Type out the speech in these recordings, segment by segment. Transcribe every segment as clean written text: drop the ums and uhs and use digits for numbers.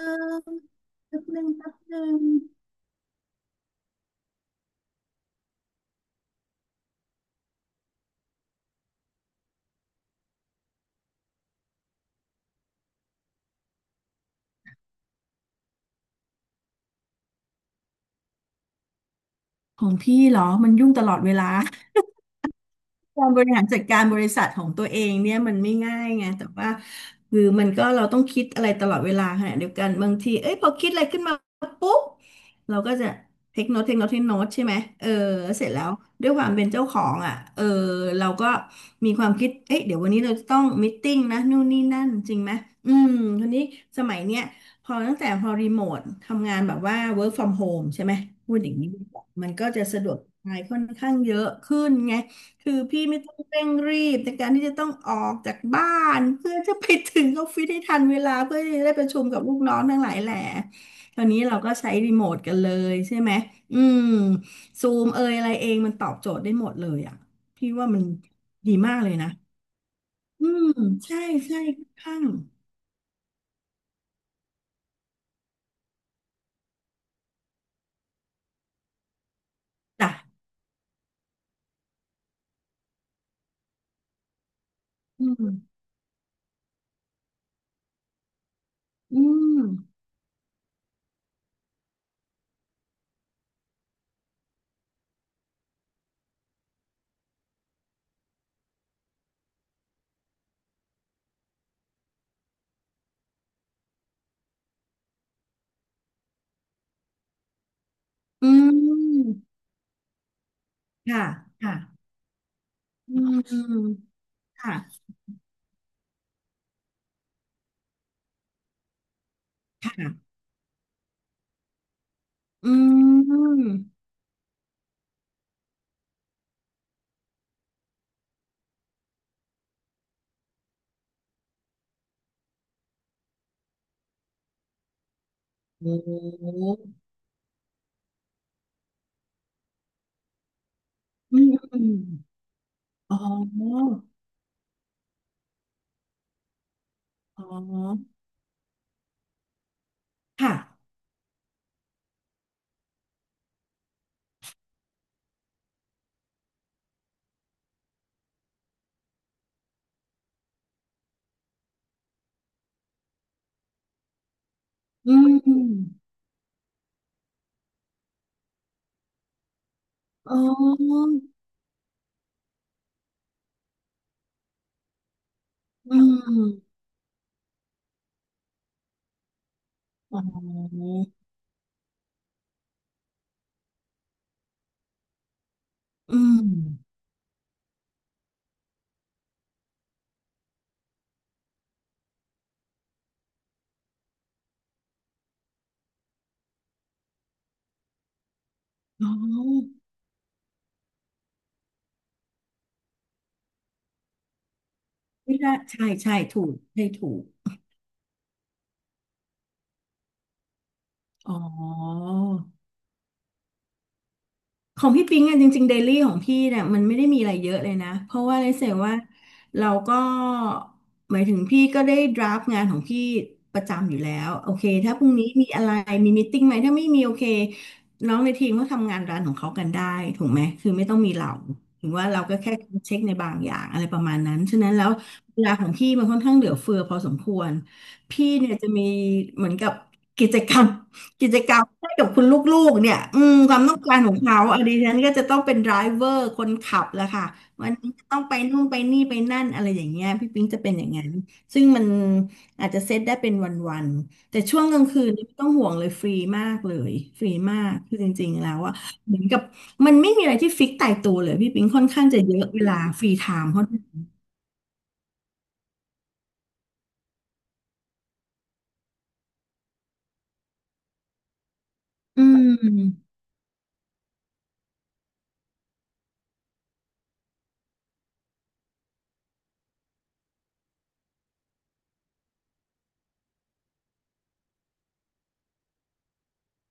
แป๊บหนึ่งแป๊บหนึ่งของพี่เหรอมันยุ่งตลอดเวลา การบริหารจัดการบริษัทของตัวเองเนี่ยมันไม่ง่ายไงแต่ว่าคือมันก็เราต้องคิดอะไรตลอดเวลาขณะเดียวกันบางทีเอ้ยพอคิดอะไรขึ้นมาปุ๊บเราก็จะเทคโนตเทคโนตเทคโนตใช่ไหมเออเสร็จแล้วด้วยความเป็นเจ้าของอ่ะเออเราก็มีความคิดเอ้ยเดี๋ยววันนี้เราจะต้องมีตติ้งนะนู่นนี่นั่นจริงไหมอืมทีนี้สมัยเนี้ยพอตั้งแต่พอรีโมททำงานแบบว่า work from home ใช่ไหมพูดอย่างนี้ดีกว่ามันก็จะสะดวกสบายค่อนข้างเยอะขึ้นไง คือพี่ไม่ต้องเร่งรีบในการที่จะต้องออกจากบ้านเพื่อจะไปถึงออฟฟิศให้ทันเวลาเพื่อที่จะได้ประชุมกับลูกน้องทั้งหลายแหล่ตอนนี้เราก็ใช้รีโมทกันเลยใช่ไหมอืมซูมเอยอะไรเองมันตอบโจทย์ได้หมดเลยอ่ะพี่ว่ามันดีมากเลยนะอืมใช่ใช่ค่อนข้างจ้ะอืมอืมอืมค่ะค่ะอืมค่ะค่ะอืมโอ้อืม อ๋ออ๋อ ค่ะอืมอ๋ออืมอ๋ออืมอ๋อไม่ได้ใช่ใช่ถูกใช่ถูก อ๋อ ของพี่ปิงอ่ะจริงๆเดลี่ของพี่เนี่ยมันไม่ได้มีอะไรเยอะเลยนะเพราะว่าเลยเสียว่าเราก็หมายถึงพี่ก็ได้ดราฟงานของพี่ประจำอยู่แล้วโอเคถ้าพรุ่งนี้มีอะไรมีมีตติ้งไหมถ้าไม่มีโอเคน้องในทีมก็ทำงานร้านของเขากันได้ถูกไหมคือไม่ต้องมีเราถึงว่าเราก็แค่เช็คในบางอย่างอะไรประมาณนั้นฉะนั้นแล้วเวลาของพี่มันค่อนข้างเหลือเฟือพอสมควรพี่เนี่ยจะมีเหมือนกับกิจกรรม กิจกรรมให้กับคุณลูกๆเนี่ยอืมความต้องการของเขาอะดิฉันก็จะต้องเป็นไดรเวอร์คนขับแหละค่ะวันนี้จะต้องไปนู่นไปนี่ไปนั่นอะไรอย่างเงี้ยพี่ปิ๊งจะเป็นอย่างนั้นซึ่งมันอาจจะเซตได้เป็นวันๆแต่ช่วงกลางคืนนี่ไม่ต้องห่วงเลยฟรีมากเลยฟรีมากคือจริงๆแล้วอะเหมือนกับมันไม่มีอะไรที่ฟิกตายตัวเลยพี่ปิ๊งค่อนข้างจะเยอะเวลาฟรีไทม์เขาอืม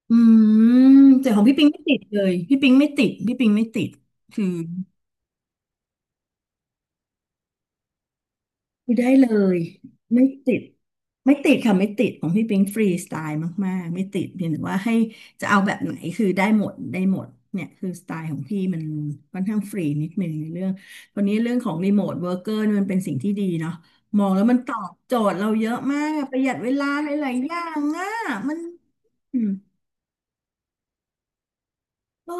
อืมแต่ของพี่ปิงไม่ติดเลยพี่ปิงไม่ติดพี่ปิงไม่ติดคือ ไม่ได้เลยไม่ติดไม่ติดค่ะไม่ติดของพี่ปิงฟรีสไตล์มากๆไม่ติดเพียงแต่ว่าให้จะเอาแบบไหนคือได้หมดได้หมดเนี่ยคือสไตล์ของพี่มันค่อนข้างฟรีนิดนึงในเรื่องวันนี้เรื่องของรีโมทเวิร์กเกอร์มันเป็นสิ่งที่ดีเนาะมองแล้วมันตอบโจทย์เราเยอะมากประหยัดเวลาหลายๆอย่างอ่ะมันอืมโอ้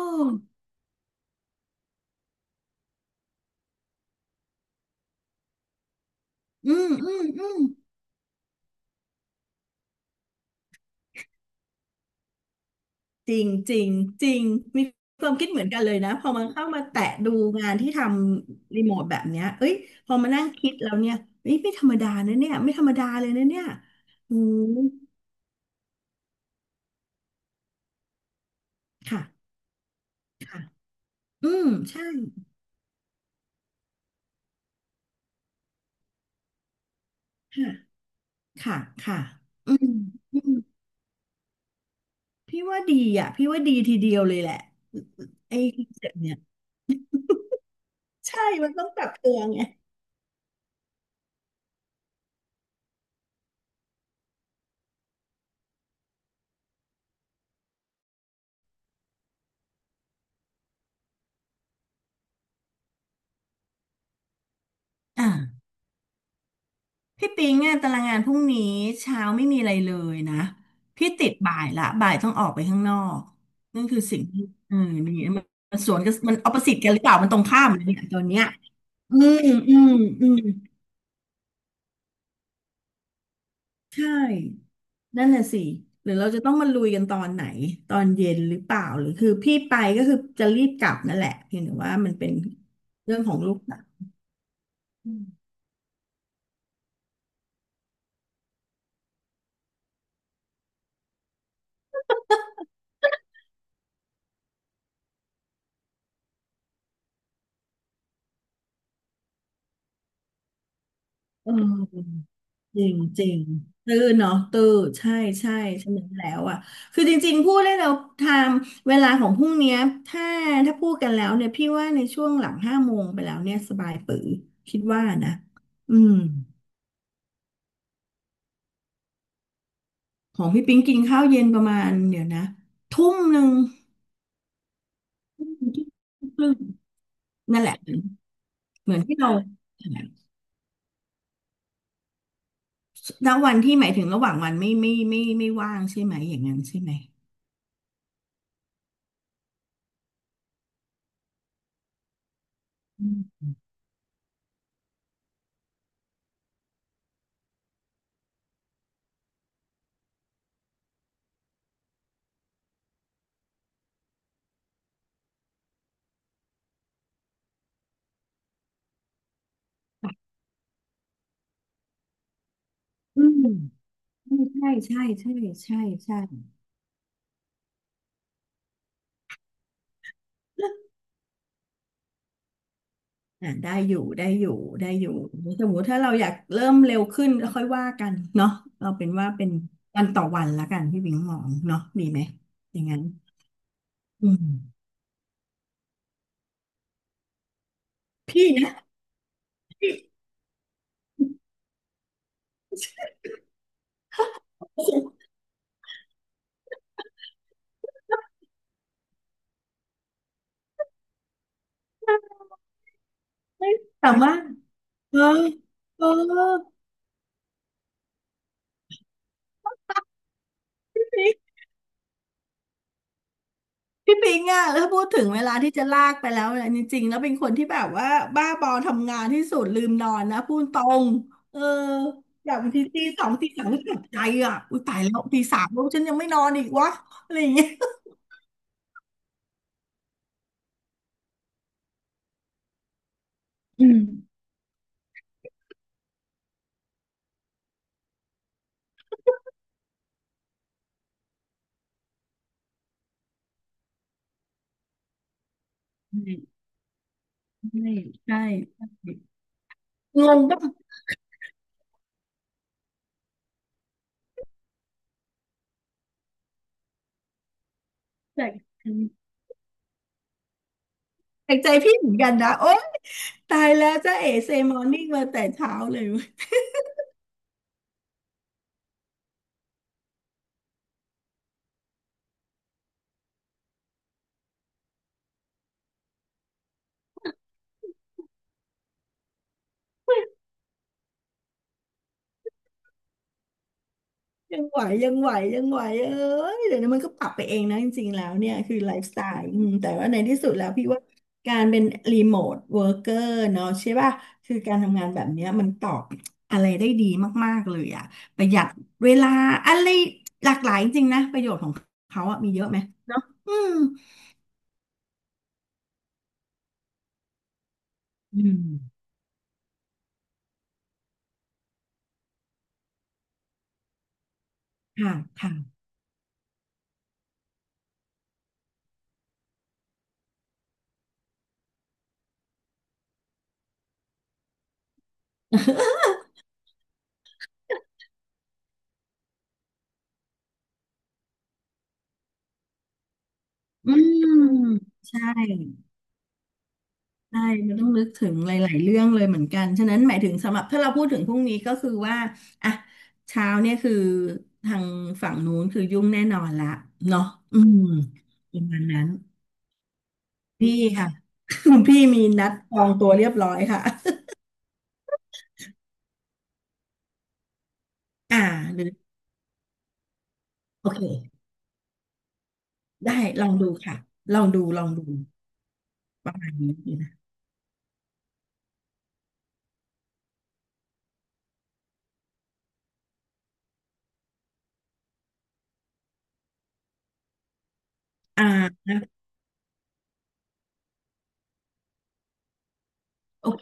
อืมอืมอืม จริงจริงจริงมีความคิดเหมือนกันเลยนะพอมันเข้ามาแตะดูงานที่ทำรีโมทแบบเนี้ยเอ้ยพอมานั่งคิดแล้วเนี่ยเอ้ยไม่ธรรมดานะเนี่ยไม่ธรรมดาเลยนะเนี่ยอืมค่ะค่ะอืมใช่ค่ะค่ะค่ะอืมอืมพี่ว่าดีอ่ะพี่ว่าดีทีเดียวเลยแหละไอ้คอนเซ็ปต์เนี่ยใช่มันต้องปรับตัวไงอ่า พี่ปิงอะตารางงานพรุ่งนี้เช้าไม่มีอะไรเลยนะพี่ติดบ่ายละบ่ายต้องออกไปข้างนอกนั่นคือสิ่งที่เออมีมันมันสวนกันมันออปสิตกันหรือเปล่ามันตรงข้ามเลยเนี่ยตอนเนี้ยอืมอืมอืมใช่นั่นน่ะสิหรือเราจะต้องมาลุยกันตอนไหนตอนเย็นหรือเปล่าหรือคือพี่ไปก็คือจะรีบกลับนั่นแหละเพียงแต่ว่ามันเป็นเรื่องของลูกสาวอืมเออ จริงจริงตื้อเนาะตื้อใช่ใช่ใช่ไหมแล้วอ่ะคือจริงๆพูดได้แล้วไทม์เวลาของพรุ่งเนี้ยถ้าถ้าพูดกันแล้วเนี่ยพี่ว่าในช่วงหลังห้าโมงไปแล้วเนี่ยสบายปือคิดว่านะอืมของพี่ปิ๊งกินข้าวเย็นประมาณเดี๋ยวนะทุ่มหนึ่งทุ่มครึ่งนั่นแหละเหมือนที่เราณวันที่หมายถึงระหว่างวันไม่ว่างใช่ไหมอย่างนั้นใช่ไหมอืมอืมใช่ใช่ใช่ใช่ใช่ใช่ อ่าได้อยู่ได้อยู่ได้อยู่สมมติถ้าเราอยากเริ่มเร็วขึ้นก็ค่อยว่ากันเนาะเราเป็นว่าเป็นวันต่อวันละกันพี่บิงมองเนาะดีไหมอย่างนั้นอืมพี่นะไม่สามารถเออเออพี่พี่ปิงอะแล้วพูดถึงเวลาที่จะลากไปแล้วเนี่ยจริงๆแล้วเป็นคนที่แบบว่าบ้าบอทำงานที่สุดลืมนอนนะพูดตรงเอออย่างบางทีตีสองตีสามก็ตกใจอ่ะอุ้ยตายแล้วตีสามแล้วฉันยังไม่นอนอีกวะอะไรอย่างเงี้ยอืม ใช่ใช่งงป่ะแปลกแปลกใจพี่เหมือนกันนะโอ๊ยตายแล้วจ้าเอ๋เซมอร์นิ่งมาแต่เช้าเลยยยังไหวยังไหวยังไหวเอ้ยเดี๋ยวนี้มันก็ปรับไปเองนะจริงๆแล้วเนี่ยคือไลฟ์สไตล์อืมแต่ว่าในที่สุดแล้วพี่ว่าการเป็นรีโมทเวิร์กเกอร์เนาะใช่ป่ะคือการทำงานแบบเนี้ยมันตอบอะไรได้ดีมากๆเลยอะประหยัดเวลาอะไรหลากหลายจริงๆนะประโยชน์ของเขาอะมีเยอะไหมเนาะอืมอืมค่ะค่ะ อืมใช่ใช่มันต้องนึกถึงหลายๆเรื่องเลยเหมือนกันฉะนั้นหมายถึงสำหรับถ้าเราพูดถึงพรุ่งนี้ก็คือว่าอ่ะเช้าเนี่ยคือทางฝั่งนู้นคือยุ่งแน่นอนละเนาะอืมประมาณนั้นพี่ค่ะ คุณพี่มีนัดจองตัวเรียบร้อยค่ะอ่าหรือโอเคได้ลองดูค่ะลองดูลองดูประมาณนี้นะอ่าโอเค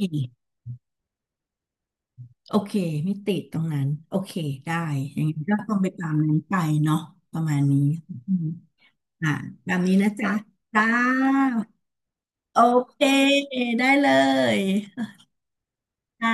โอเคไม่ติดตรงนั้นโอเคได้อย่างนี้ก็ต้องไปตามนั้นไปเนาะประมาณนี้อืมอ่ะตามนี้นะจ๊ะจ้าโอเคได้เลยอ่า